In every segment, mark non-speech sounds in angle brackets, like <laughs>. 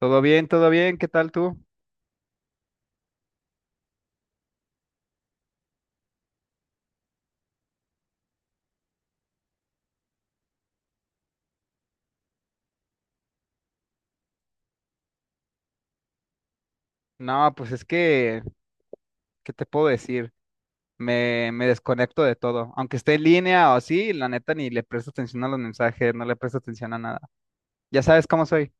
Todo bien, ¿qué tal tú? No, pues es que, ¿qué te puedo decir? Me desconecto de todo. Aunque esté en línea o así, la neta ni le presto atención a los mensajes, no le presto atención a nada. Ya sabes cómo soy.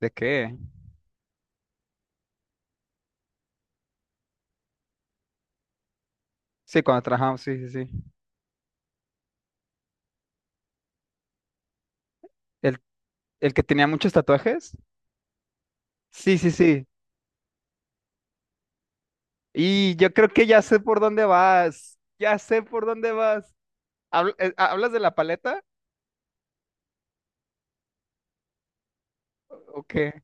¿De qué? Sí, cuando trabajamos, sí, sí, sí. ¿El, el que tenía muchos tatuajes? Sí, sí, sí. Y yo creo que ya sé por dónde vas. Ya sé por dónde vas. ¿Hablas de la paleta? ¿O qué?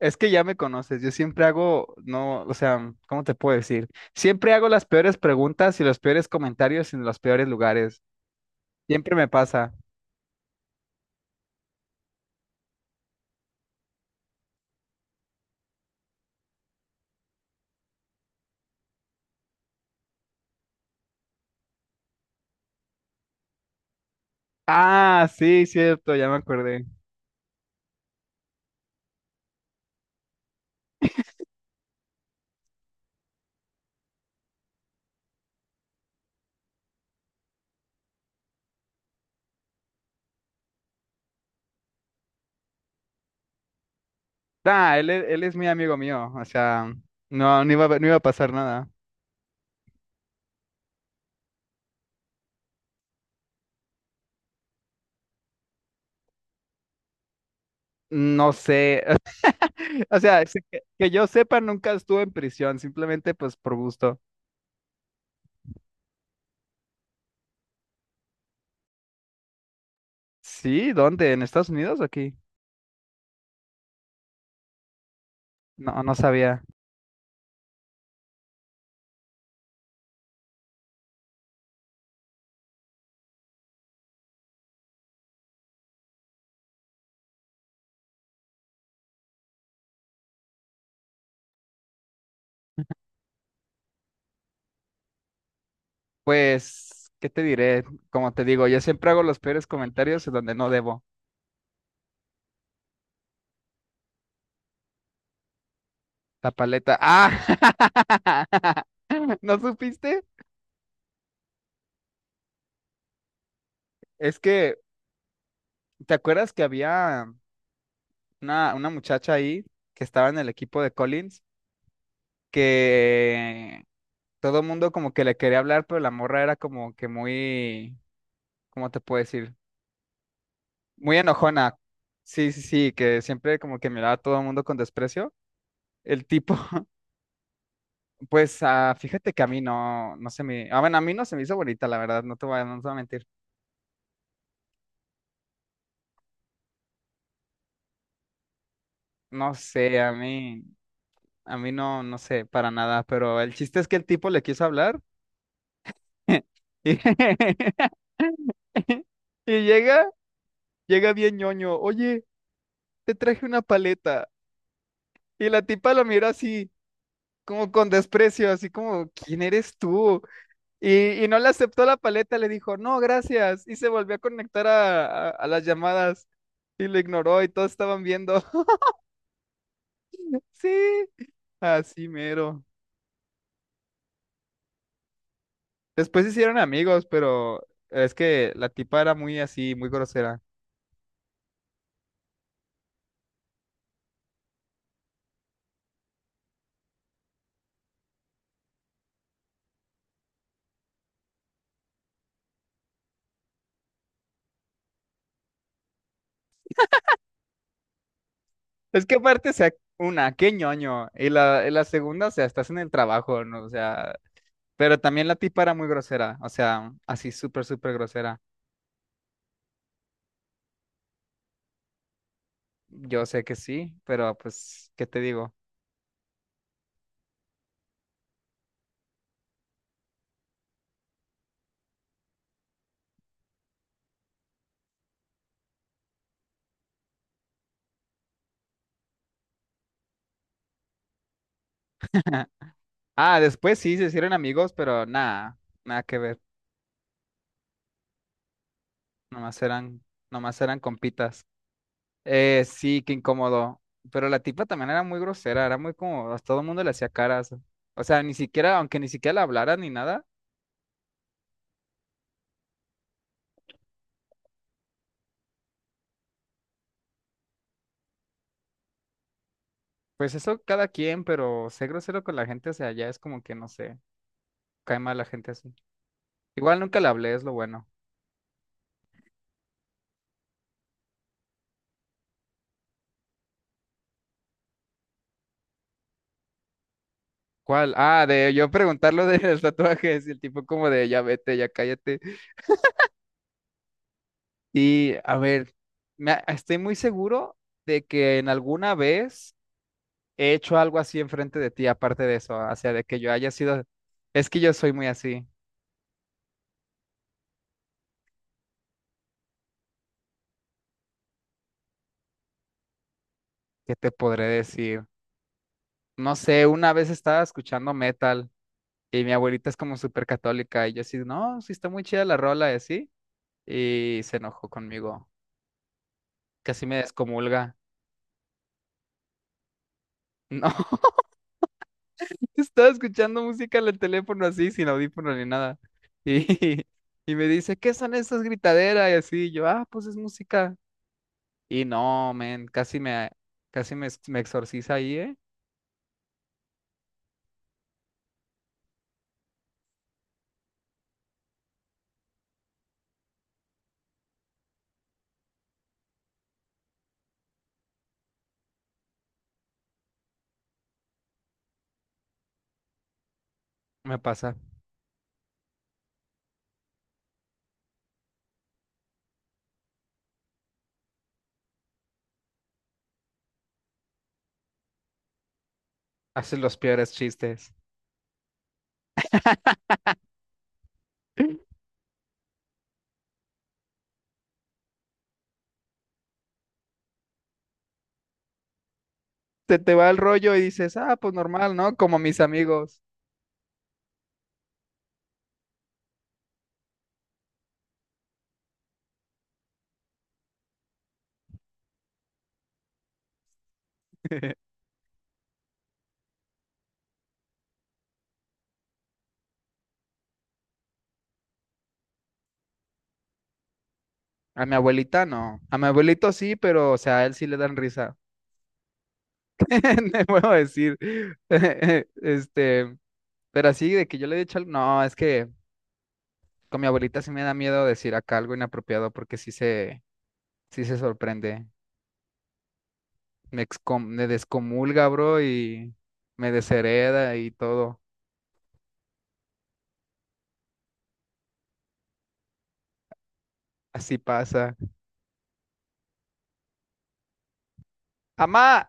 Es que ya me conoces, yo siempre hago, no, o sea, ¿cómo te puedo decir? Siempre hago las peores preguntas y los peores comentarios en los peores lugares. Siempre me pasa. Ah, sí, cierto, ya me acordé. Ah, él, él es muy amigo mío, o sea, no, no iba, no iba a pasar nada. No sé, <laughs> o sea, es que yo sepa, nunca estuvo en prisión, simplemente pues por gusto. Sí, ¿dónde? ¿En Estados Unidos o aquí? No, no sabía. Pues, ¿qué te diré? Como te digo, yo siempre hago los peores comentarios en donde no debo. La paleta. ¡Ah! <laughs> ¿No supiste? Es que, ¿te acuerdas que había una muchacha ahí que estaba en el equipo de Collins que todo mundo como que le quería hablar, pero la morra era como que muy, ¿cómo te puedo decir? Muy enojona. Sí, sí, sí, que siempre como que miraba a todo el mundo con desprecio. El tipo. Pues ah, fíjate que a mí no, no se me, ah, bueno, a mí no se me hizo bonita, la verdad, no te voy a, no te voy a mentir. No sé, a mí no, no sé, para nada, pero el chiste es que el tipo le quiso hablar. <laughs> Y, <laughs> y llega, llega bien ñoño, oye, te traje una paleta. Y la tipa lo miró así, como con desprecio, así como, ¿quién eres tú? Y no le aceptó la paleta, le dijo, no, gracias, y se volvió a conectar a, a las llamadas y lo ignoró y todos estaban viendo. Sí, así mero. Después se hicieron amigos, pero es que la tipa era muy así, muy grosera. Es que aparte, o sea, una, qué ñoño. Y la segunda, o sea, estás en el trabajo, ¿no? O sea, pero también la tipa era muy grosera, o sea, así súper, súper grosera. Yo sé que sí, pero pues, ¿qué te digo? <laughs> Ah, después sí se hicieron amigos, pero nada, nada que ver. Nomás eran, nomás eran compitas. Sí, qué incómodo. Pero la tipa también era muy grosera, era muy como, a todo el mundo le hacía caras. O sea, ni siquiera, aunque ni siquiera le hablara ni nada, pues eso cada quien, pero ser grosero con la gente, o sea, ya es como que no sé, cae mal la gente así. Igual nunca le hablé, es lo bueno. ¿Cuál? Ah, de yo preguntar lo <laughs> de los tatuajes y el tipo como de ya vete, ya cállate. Y a ver, estoy muy seguro de que en alguna vez he hecho algo así enfrente de ti, aparte de eso, o sea, de que yo haya sido, es que yo soy muy así, ¿qué te podré decir? No sé, una vez estaba escuchando metal y mi abuelita es como súper católica y yo así, no, sí está muy chida la rola y así, y se enojó conmigo, casi me descomulga. No, <laughs> estaba escuchando música en el teléfono así, sin audífono ni nada. Y <laughs> y me dice, ¿qué son esas gritaderas? Y así, yo, ah, pues es música. Y no, men, me exorciza ahí, ¿eh? Me pasa. Haces los peores chistes. <laughs> Se te va el rollo y dices, ah, pues normal, ¿no? Como mis amigos. <laughs> A mi abuelita no. A mi abuelito sí, pero, o sea, a él sí le dan risa. <laughs> No puedo decir. <laughs> Este, pero así de que yo le he dicho algo. No, es que con mi abuelita sí me da miedo decir acá algo inapropiado porque sí se sorprende. Me descomulga, bro, y me deshereda y todo. Así pasa. ¡Amá!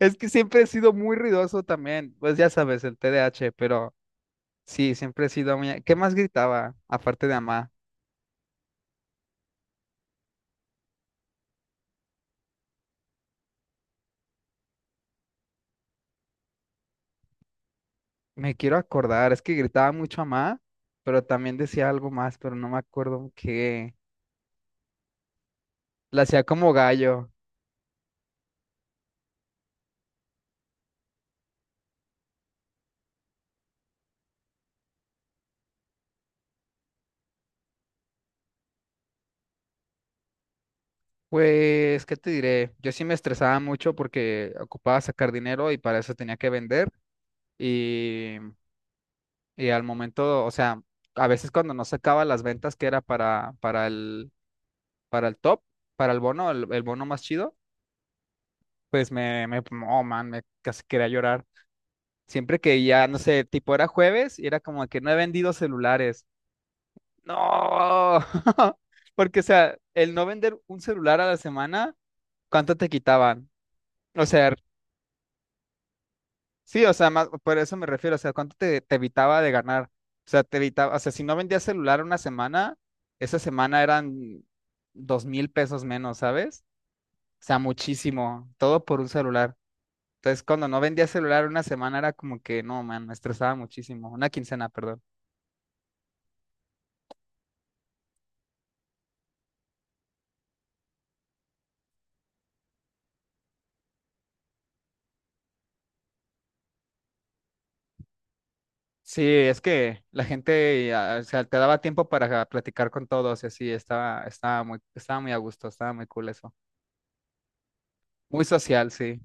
Es que siempre he sido muy ruidoso también, pues ya sabes, el TDAH, pero sí, siempre he sido muy... ¿Qué más gritaba, aparte de Amá? Me quiero acordar, es que gritaba mucho Amá, pero también decía algo más, pero no me acuerdo qué. La hacía como gallo. Pues, ¿qué te diré? Yo sí me estresaba mucho porque ocupaba sacar dinero y para eso tenía que vender y, y al momento, o sea, a veces cuando no sacaba las ventas que era para el top, para el bono, el bono más chido, pues me, oh man, me casi quería llorar. Siempre que ya, no sé, tipo era jueves y era como que no he vendido celulares. No, <laughs> porque o sea, el no vender un celular a la semana, ¿cuánto te quitaban? O sea, sí, o sea, más, por eso me refiero, o sea, ¿cuánto te, te evitaba de ganar? O sea, te evitaba, o sea, si no vendías celular una semana, esa semana eran 2000 pesos menos, ¿sabes? O sea, muchísimo, todo por un celular. Entonces, cuando no vendía celular una semana era como que, no, man, me estresaba muchísimo. Una quincena, perdón. Sí, es que la gente, ah, o sea, te daba tiempo para platicar con todos y así, estaba, estaba muy a gusto, estaba muy cool eso. Muy social, sí.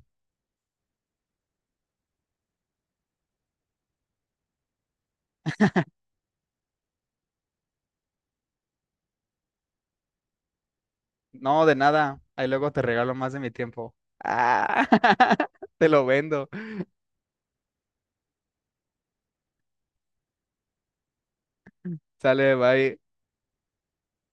No, de nada. Ahí luego te regalo más de mi tiempo. Ah, <laughs> te lo vendo. Sale, bye.